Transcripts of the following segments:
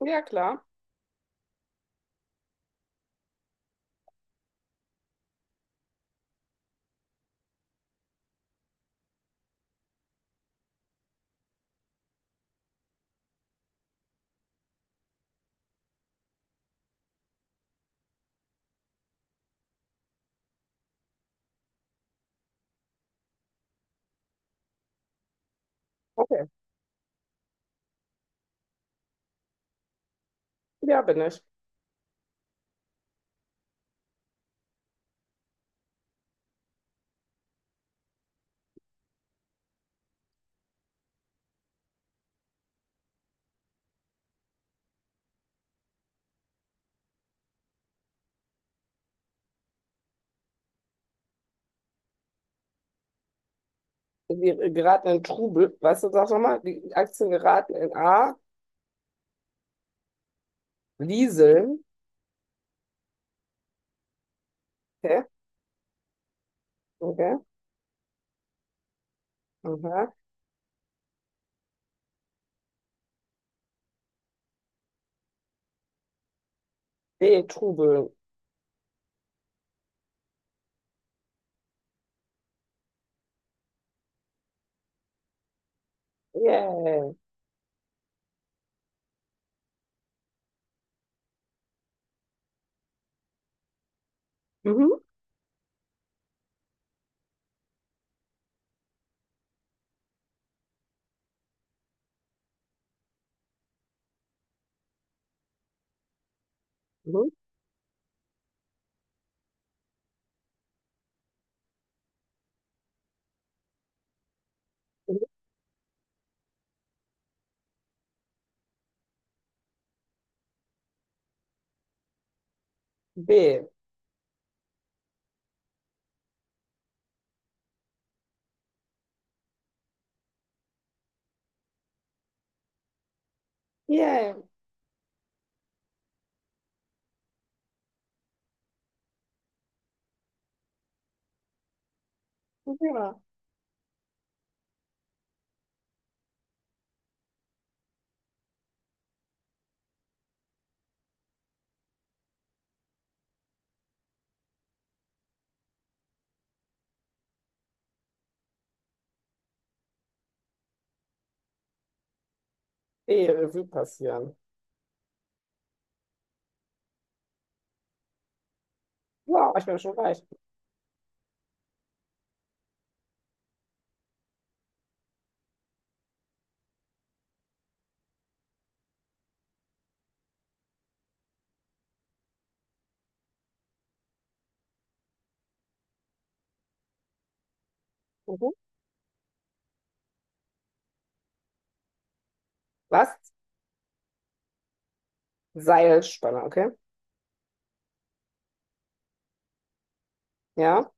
Ja, klar. Okay. Ja, bin ich. Wir geraten in Trubel. Weißt du, sag nochmal, die Aktien geraten in A, Lieseln. Okay. Okay. Aha. B, Trubeln. Yay. Mhm. Mhm. Mhm. B. Yay. Ja. E, Revue passieren. Wow, ich bin schon reich. Mhm. Was? Seilspanner, okay? Ja.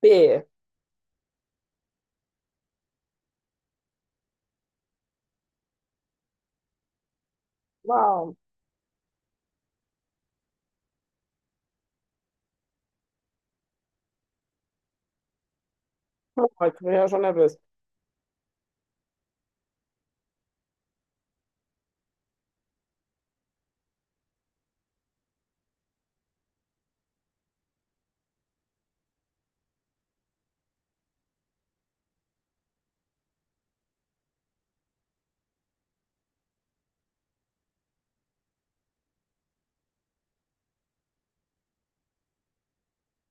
B. Wow. Oh, ich bin ja schon nervös.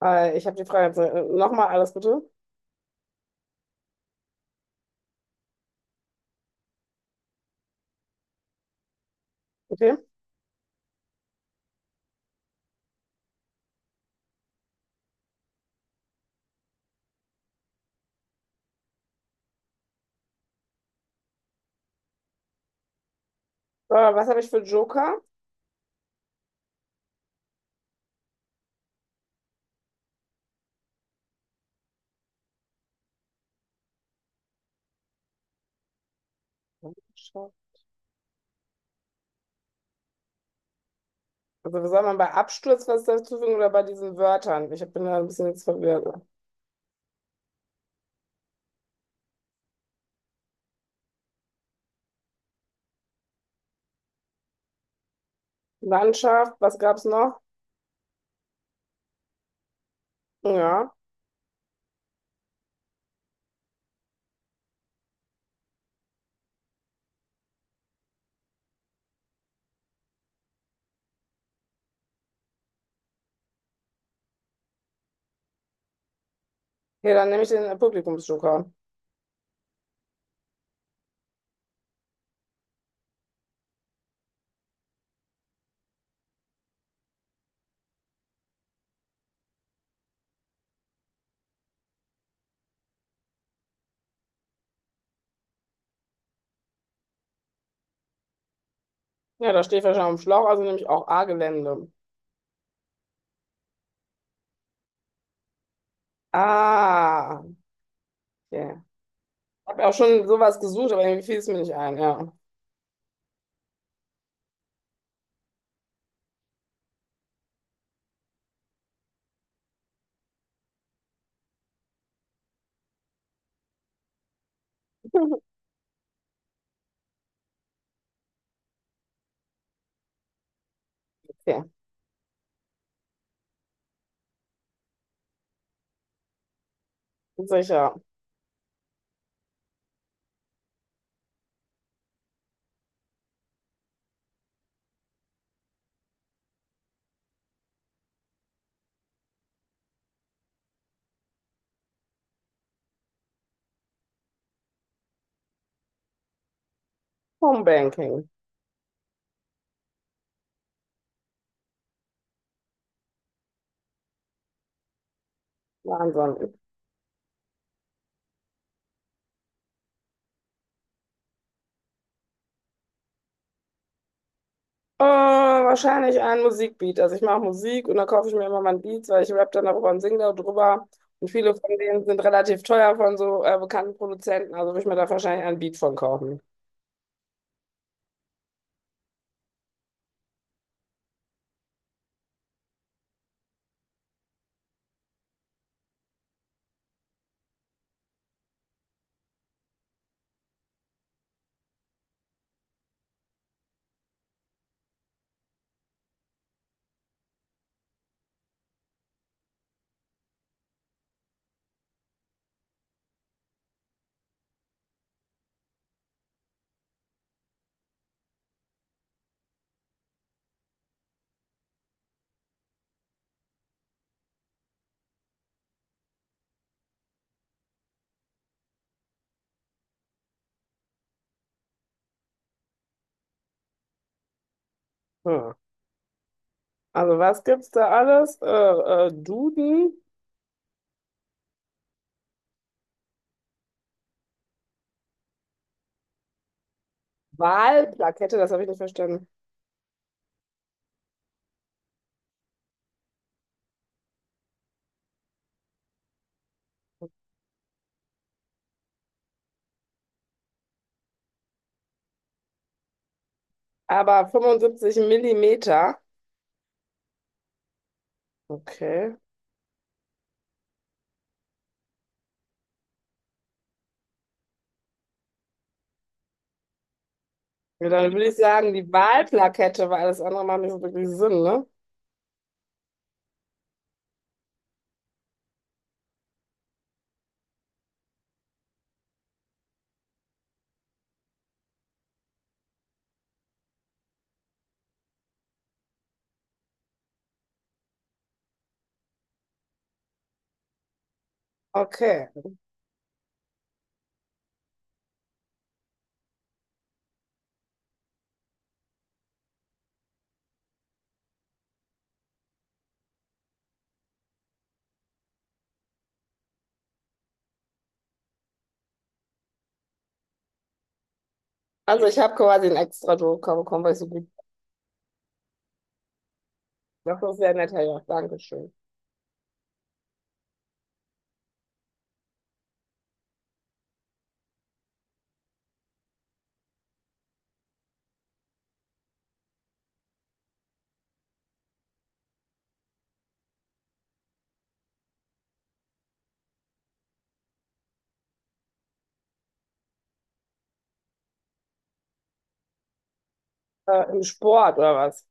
Ich habe die Frage jetzt nochmal alles bitte. Okay. Was habe ich für Joker? Also soll man bei Absturz was dazu fügen oder bei diesen Wörtern? Ich bin da ein bisschen jetzt verwirrt. Landschaft, was gab's noch? Ja. Hier, dann nehme ich den Publikumsjoker. Ja, da steht wahrscheinlich am Schlauch, also nehme ich auch A-Gelände. Ah, okay. Ich habe auch schon sowas gesucht, aber irgendwie fiel es mir nicht ein, ja. Okay, sicher. Homebanking. Wahnsinn. Wahrscheinlich ein Musikbeat. Also ich mache Musik und dann kaufe ich mir immer mein Beats, weil ich rap dann darüber und singe darüber. Und viele von denen sind relativ teuer von so bekannten Produzenten. Also würde ich mir da wahrscheinlich einen Beat von kaufen. Hm. Also was gibt's da alles? Duden, Wahlplakette, das habe ich nicht verstanden. Aber 75 Millimeter. Okay. Ja, dann würde ich sagen, die Wahlplakette, weil alles andere macht nicht so wirklich Sinn, ne? Okay. Also ich habe quasi einen extra Druck bekommen, weil ich so gut. Das ist sehr nett, Herr Joch. Dankeschön. Im Sport oder was?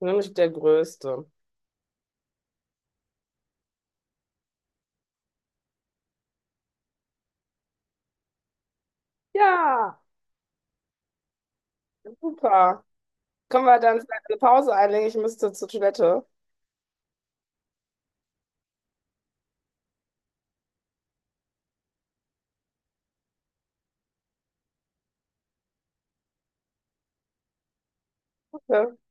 Nämlich der Größte. Ja, super. Können wir dann vielleicht eine Pause einlegen? Ich müsste zur Toilette. Äh,